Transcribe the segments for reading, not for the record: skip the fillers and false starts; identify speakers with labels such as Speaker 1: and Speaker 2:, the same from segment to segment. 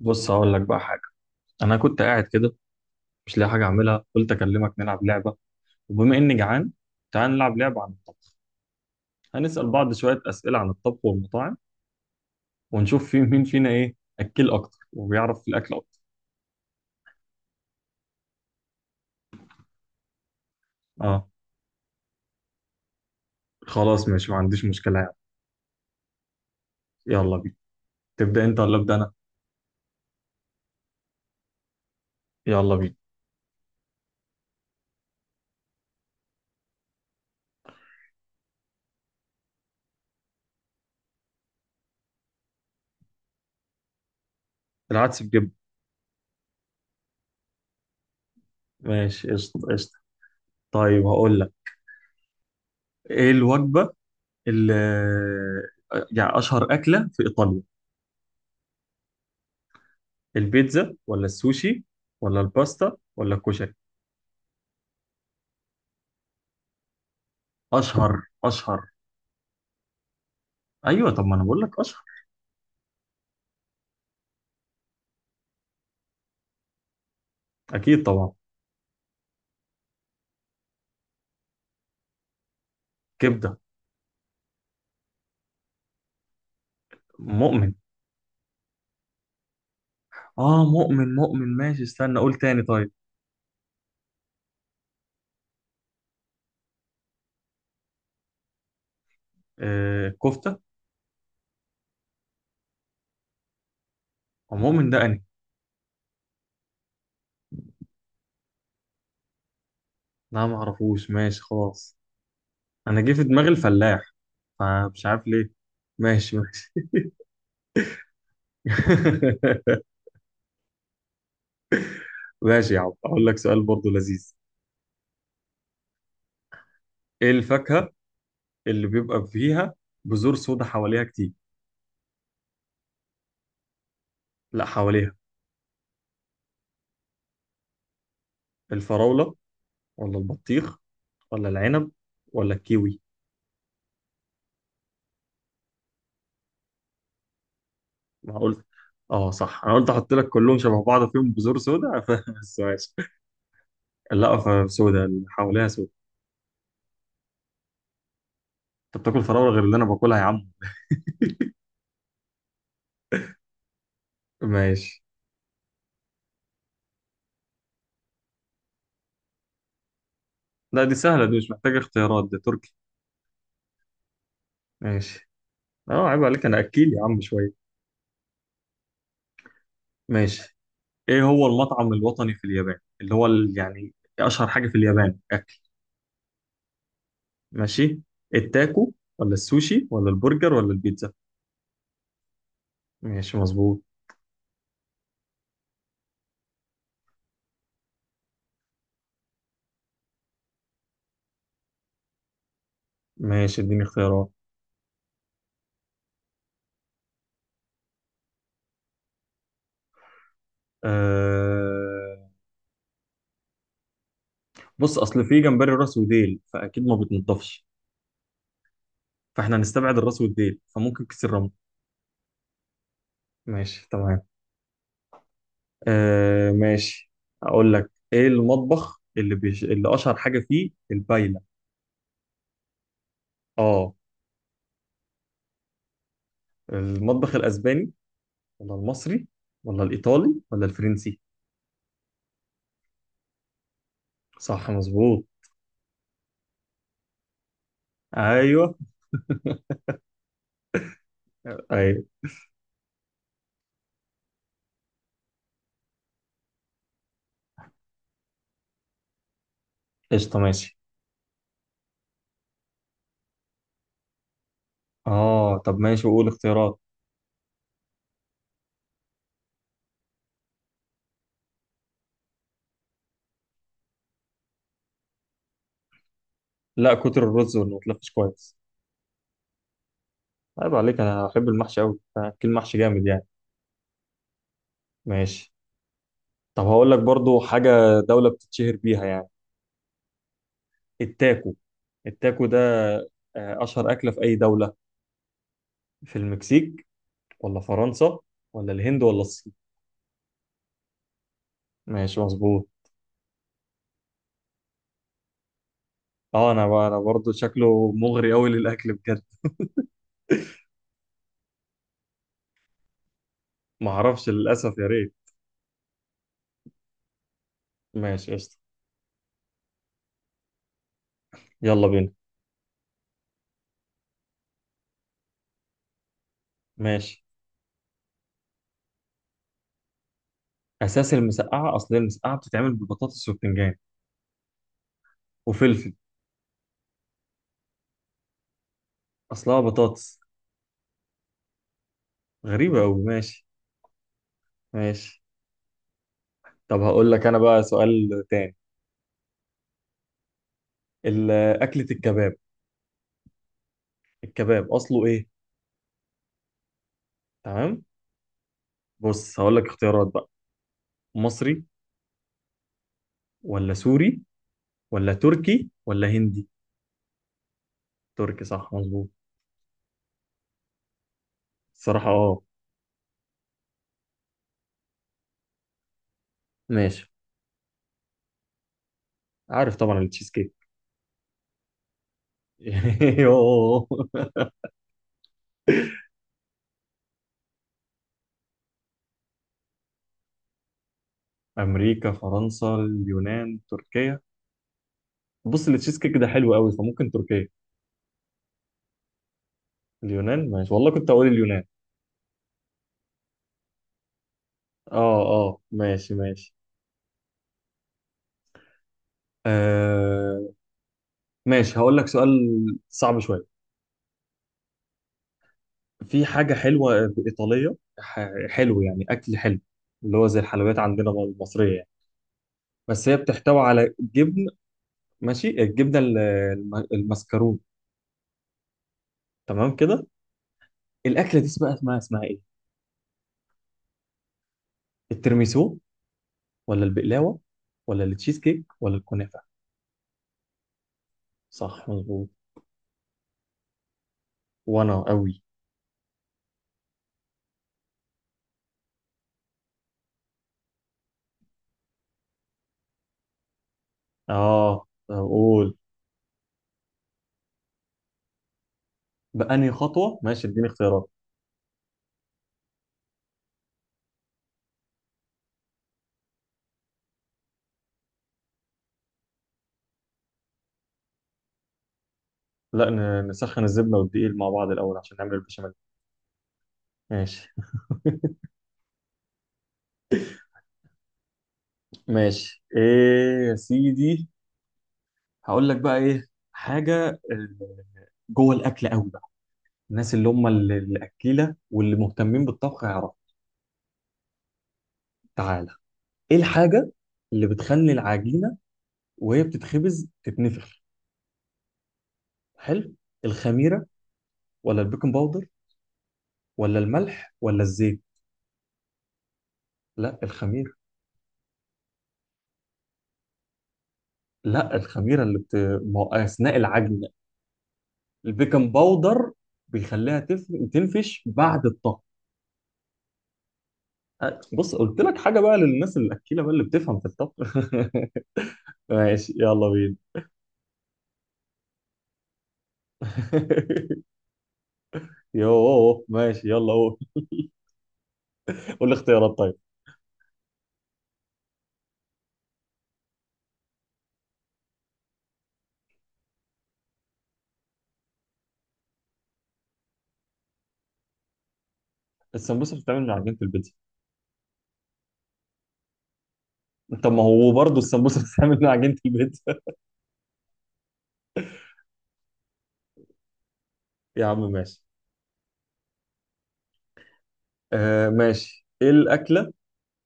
Speaker 1: بص، هقول لك بقى حاجة. أنا كنت قاعد كده، مش لاقي حاجة أعملها، قلت أكلمك نلعب لعبة. وبما إني جعان، تعال نلعب لعبة عن الطبخ. هنسأل بعض شوية أسئلة عن الطبخ والمطاعم. ونشوف في مين فينا إيه أكل أكتر، وبيعرف في الأكل أكتر. أه. خلاص، ماشي، ما عنديش مشكلة يعني. يلا بينا. تبدأ أنت ولا أبدأ أنا؟ يلا بينا. العدس بجبن. ماشي، قشطة، قشطة. طيب، هقول لك، إيه الوجبة اللي يعني أشهر أكلة في إيطاليا؟ البيتزا، ولا السوشي، ولا الباستا، ولا الكشري؟ اشهر، اشهر. ايوه، طب ما انا بقول لك اشهر. اكيد طبعا. كبده، مؤمن. اه، مؤمن، مؤمن، ماشي، استنى اقول تاني، طيب. آه، كفته. ومؤمن ده انهي؟ لا، ما اعرفوش، ماشي، خلاص. انا جه في دماغي الفلاح، فمش عارف ليه. ماشي، ماشي. ماشي يا عم، اقول لك سؤال برضو لذيذ. ايه الفاكهه اللي بيبقى فيها بذور سودا حواليها كتير؟ لا، حواليها. الفراوله، ولا البطيخ، ولا العنب، ولا الكيوي؟ ما قلت. اه صح، انا قلت احط لك كلهم شبه بعض فيهم بذور سودا، بس ماشي. لا، سودا اللي حواليها سودا. انت بتاكل فراوله غير اللي انا باكلها يا عم. ماشي. لا دي سهله، دي مش محتاجه اختيارات، دي تركي. ماشي. اه، عيب عليك، انا اكيل يا عم شويه. ماشي. ايه هو المطعم الوطني في اليابان، اللي هو يعني اشهر حاجه في اليابان اكل؟ ماشي. التاكو، ولا السوشي، ولا البرجر، ولا البيتزا؟ ماشي، مظبوط. ماشي، اديني اختيارات. آه... بص، اصل في جمبري راس وديل، فاكيد ما بتنضفش. فاحنا هنستبعد الراس والديل، فممكن كيس الرمل. ماشي، تمام. آه، ماشي. اقول لك، ايه المطبخ اللي اللي اشهر حاجه فيه البايله؟ اه. المطبخ الاسباني، ولا المصري، ولا الايطالي، ولا الفرنسي؟ صح، مظبوط. ايوه. ايوه. قشطه، ماشي. اه طب، ماشي، وقول اختيارات. لا، كتر الرز واللي ما تلفش كويس. عيب عليك، انا احب المحشي قوي، اكل محشي جامد يعني. ماشي. طب، هقول لك برضو حاجة. دولة بتتشهر بيها يعني. التاكو، التاكو ده. أشهر أكلة في أي دولة، في المكسيك. ولا فرنسا، ولا الهند، ولا الصين؟ ماشي، مظبوط. اه، انا بقى انا برضو شكله مغري قوي للاكل بجد. ما اعرفش للاسف، يا ريت. ماشي، قشطه. يلا بينا. ماشي. اساس المسقعه، اصل هي المسقعه بتتعمل ببطاطس وبتنجان. وفلفل. اصلها بطاطس. غريبه قوي، ماشي. ماشي. طب، هقول لك انا بقى سؤال تاني. ال- اكله الكباب. الكباب اصله ايه؟ تمام. بص، هقول لك اختيارات بقى. مصري، ولا سوري، ولا تركي، ولا هندي؟ تركي، صح، مظبوط. الصراحة، اه. ماشي. عارف طبعا التشيز كيك. يوه. امريكا، فرنسا، اليونان، تركيا. بص، التشيز كيك ده حلو قوي، فممكن تركيا. اليونان؟ ماشي، والله كنت اقول اليونان. اه، اه، ماشي، ماشي. آه، ماشي، هقول لك سؤال صعب شوية. في حاجة حلوة إيطالية، حلو يعني، أكل حلو. اللي هو زي الحلويات عندنا المصرية يعني. بس هي بتحتوي على جبن. ماشي، الجبنة المسكرون. تمام كده. الأكلة دي اسمها إيه؟ الترميسو، ولا البقلاوة، ولا التشيز كيك، ولا الكنافة؟ صح، مظبوط. وأنا قوي. آه، أقول. بأنهي خطوة؟ ماشي، اديني اختيارات. لا، نسخن الزبدة والدقيق مع بعض الأول عشان نعمل البشاميل. ماشي. ماشي، ايه يا سيدي. هقول لك بقى ايه حاجه، جوه الاكل قوي بقى. الناس اللي هم الاكيله واللي مهتمين بالطبخ هيعرفوا. تعالى. ايه الحاجه اللي بتخلي العجينه وهي بتتخبز تتنفخ؟ حلو. الخميره، ولا البيكنج باودر، ولا الملح، ولا الزيت؟ لا، الخميره. لا، الخميره اللي بت... ما- اثناء العجن. البيكنج باودر بيخليها تنفش بعد الطبخ. أه، بص، قلت لك حاجه بقى للناس الاكيله بقى اللي بتفهم في الطبخ. ماشي، يلا بينا. يوه، ماشي، يلا قول. قول لي اختيارات، طيب. السمبوسه بتتعمل من عجينه البيتزا. طب ما هو برضه السمبوسه بتتعمل من عجينه البيتزا. يا عم، ماشي. آه، ماشي، ايه الاكله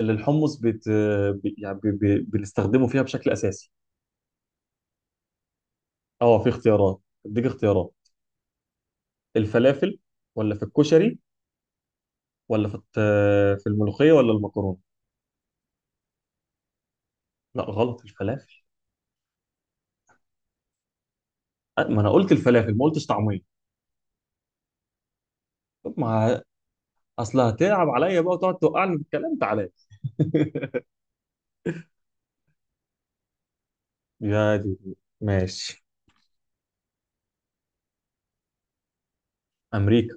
Speaker 1: اللي الحمص يعني بنستخدمه فيها بشكل اساسي؟ اه، في اختيارات. اديك اختيارات. الفلافل، ولا في الكشري، ولا في في الملوخيه، ولا المكرونه؟ لا، غلط، الفلافل. آه، ما انا قلت الفلافل، ما قلتش طعميه. طب ما، اصل هتلعب عليا بقى وتقعد توقعني في الكلام، تعالى. يا دي، ماشي. امريكا.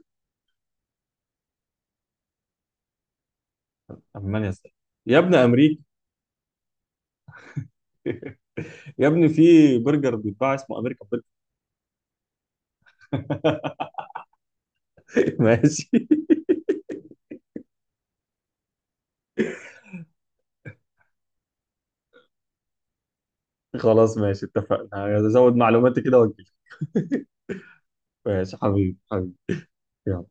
Speaker 1: المانيا الصراحة. يا ابن امريكا. يا ابني، في برجر بيتباع اسمه امريكا برجر. ماشي. خلاص، ماشي، اتفقنا، هزود معلوماتي كده واجي. ماشي، حبيبي، حبيبي. يلا.